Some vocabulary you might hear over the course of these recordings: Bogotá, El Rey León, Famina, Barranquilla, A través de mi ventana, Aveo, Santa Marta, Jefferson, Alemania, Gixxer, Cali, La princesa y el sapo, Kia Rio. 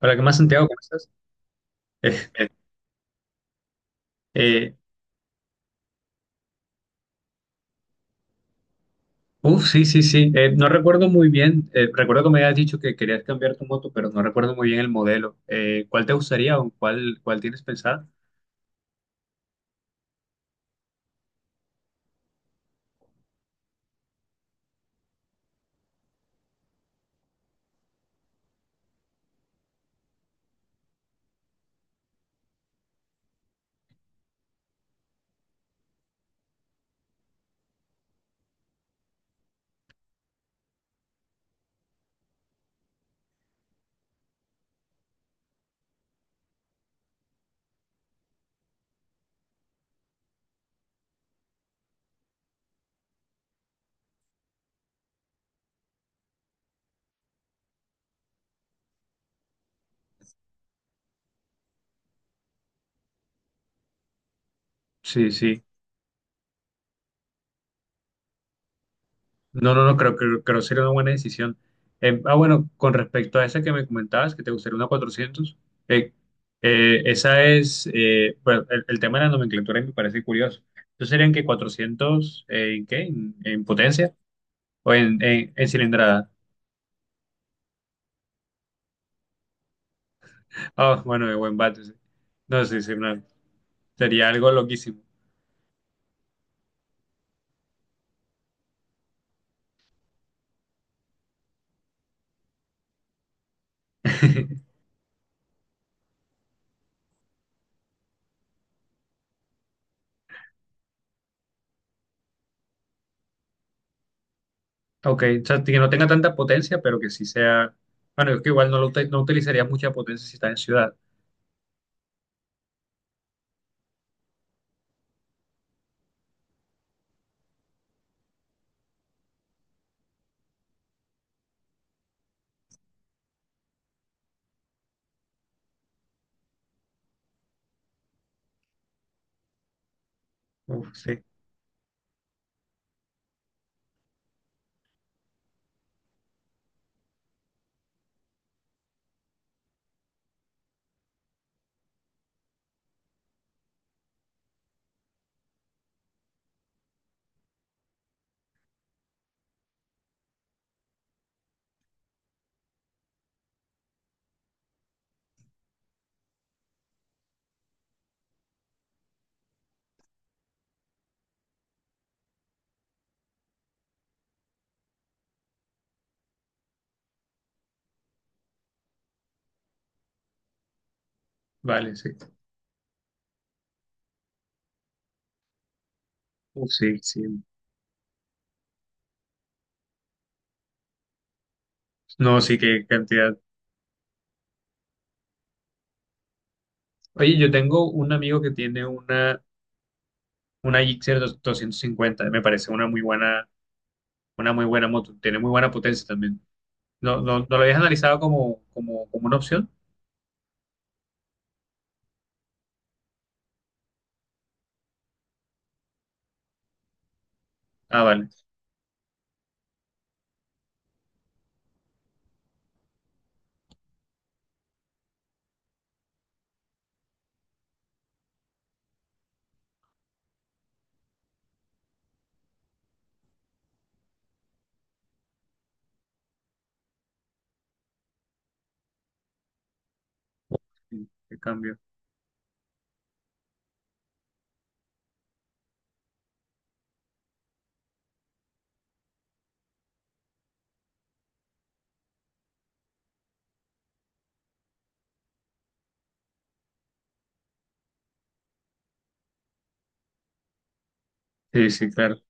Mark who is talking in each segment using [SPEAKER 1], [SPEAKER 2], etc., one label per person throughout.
[SPEAKER 1] Hola, ¿qué más, Santiago? ¿Cómo estás? Eh, eh, sí, sí, sí. No recuerdo muy bien. Recuerdo que me habías dicho que querías cambiar tu moto, pero no recuerdo muy bien el modelo. ¿Cuál te gustaría o cuál tienes pensada? Sí, sí. No, no, no, creo, que sería una buena decisión. Bueno, con respecto a esa que me comentabas, que te gustaría una 400 eh, esa es, bueno, el tema de la nomenclatura me parece curioso. ¿Entonces serían que 400 en qué? En potencia o en, en cilindrada? Ah, bueno, de buen bate, sí. No, sí, sí, no. Sería algo loquísimo. Ok, o sea, que no tenga tanta potencia, pero que sí sea. Bueno, es que igual no, no utilizaría mucha potencia si está en ciudad. Uf, sí, vale, sí. Uf, sí, sí. No, sí, qué cantidad. Oye, yo tengo un amigo que tiene una, 250, me parece una muy buena moto. Tiene muy buena potencia también. ¿No, no, no lo habías analizado como, como, como una opción? Ah, vale. Sí, qué cambio. Sí, sí, claro.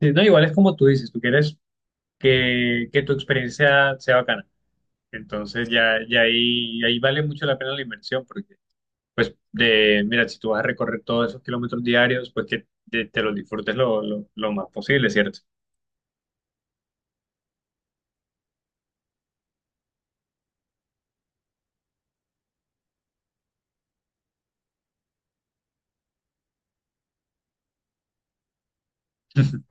[SPEAKER 1] Sí, no, igual es como tú dices, tú quieres que tu experiencia sea bacana. Entonces ya, ya ahí, ahí vale mucho la pena la inversión, porque pues de, mira, si tú vas a recorrer todos esos kilómetros diarios, pues que te los disfrutes lo más posible, ¿cierto?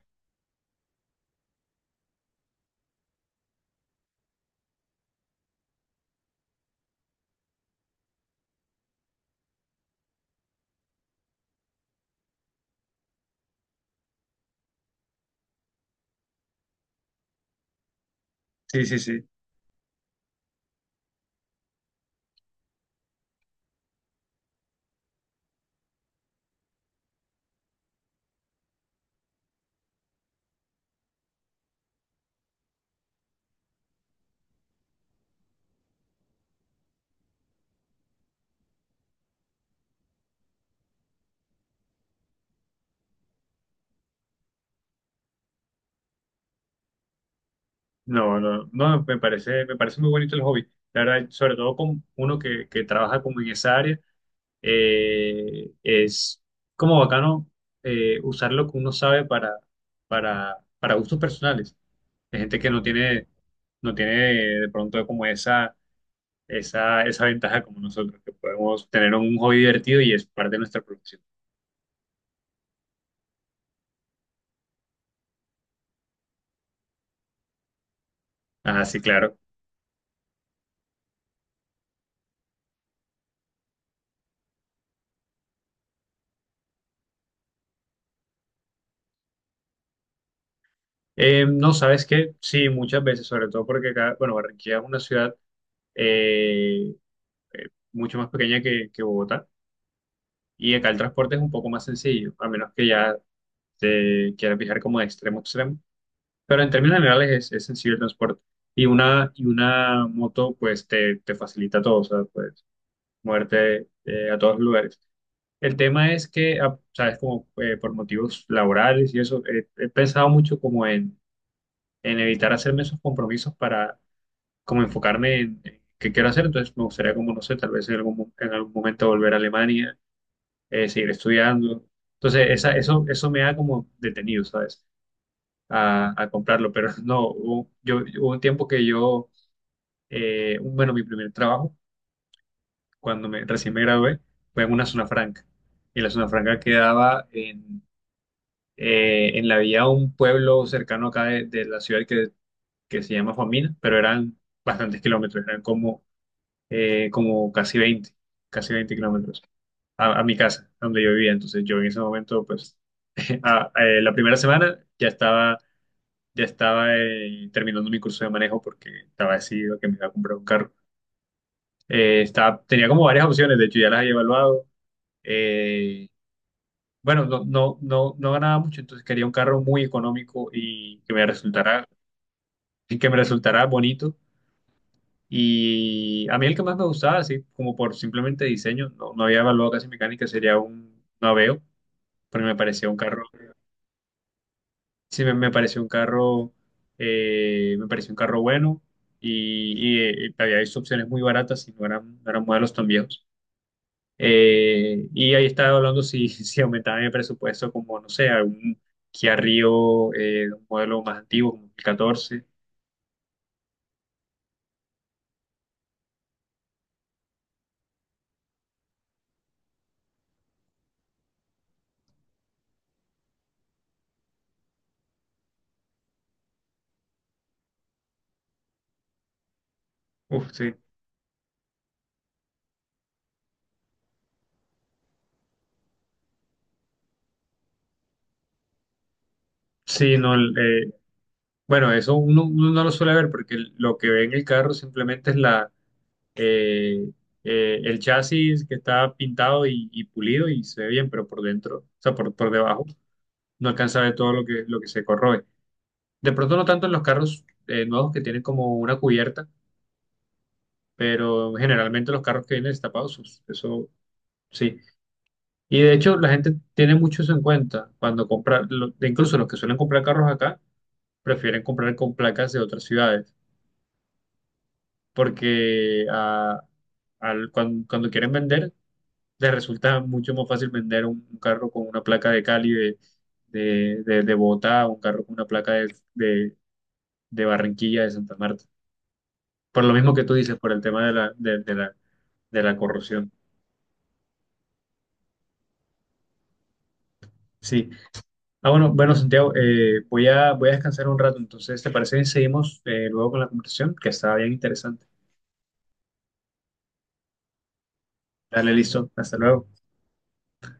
[SPEAKER 1] Sí, sí, sí. No, no, no, me parece muy bonito el hobby. La verdad, sobre todo con uno que trabaja como en esa área, es como bacano usar lo que uno sabe para gustos personales. Hay gente que no tiene, no tiene de pronto como esa ventaja como nosotros, que podemos tener un hobby divertido y es parte de nuestra profesión. Ah, sí, claro. No, ¿sabes qué? Sí, muchas veces, sobre todo porque acá, bueno, Barranquilla es una ciudad eh, mucho más pequeña que Bogotá y acá el transporte es un poco más sencillo, a menos que ya te quieras viajar como de extremo a extremo. Pero en términos generales es sencillo el transporte. Y una moto, pues, te facilita todo, o sea, pues, muerte a todos los lugares. El tema es que, ah, sabes, como por motivos laborales y eso, he pensado mucho como en evitar hacerme esos compromisos para como enfocarme en qué quiero hacer. Entonces me gustaría como, no sé, tal vez en en algún momento volver a Alemania, seguir estudiando. Entonces esa, eso me ha como detenido, ¿sabes? A comprarlo, pero no, hubo un tiempo que yo, bueno, mi primer trabajo cuando recién me gradué, fue en una zona franca. Y la zona franca quedaba en la vía de un pueblo cercano acá de la ciudad que se llama Famina, pero eran bastantes kilómetros, eran como, como casi 20 kilómetros a mi casa, donde yo vivía. Entonces yo en ese momento, pues, la primera semana ya estaba terminando mi curso de manejo porque estaba decidido que me iba a comprar un carro. Tenía como varias opciones, de hecho ya las había evaluado. Eh, bueno, no, no, no, no ganaba mucho, entonces quería un carro muy económico y que me resultara, y que me resultara bonito. Y a mí el que más me gustaba, así como por simplemente diseño, no, no había evaluado casi mecánica, sería un Aveo, pero me parecía un carro, sí, me pareció un carro, me pareció un carro bueno y, y, había visto opciones muy baratas y no eran, no eran modelos tan viejos. Y ahí estaba hablando si, si aumentaban el presupuesto como, no sé, algún Kia Rio, un modelo más antiguo, como el 14. Uf, sí. Sí, no, bueno, eso uno, uno no lo suele ver porque lo que ve en el carro simplemente es la, eh, el chasis que está pintado y pulido y se ve bien, pero por dentro, o sea, por debajo, no alcanza a ver todo lo que se corroe. De pronto no tanto en los carros nuevos que tienen como una cubierta, pero generalmente los carros que vienen destapados, pues, eso sí. Y de hecho la gente tiene mucho eso en cuenta cuando compra, de incluso los que suelen comprar carros acá, prefieren comprar con placas de otras ciudades, porque ah, cuando, quieren vender, les resulta mucho más fácil vender un carro con una placa de Cali, de Bogotá, un carro con una placa de, de Barranquilla, de Santa Marta. Por lo mismo que tú dices, por el tema de la, de la, de la corrupción. Sí. Ah, bueno, bueno, Santiago, voy a, voy a descansar un rato, entonces, ¿te parece que seguimos luego con la conversación? Que está bien interesante. Dale, listo, hasta luego.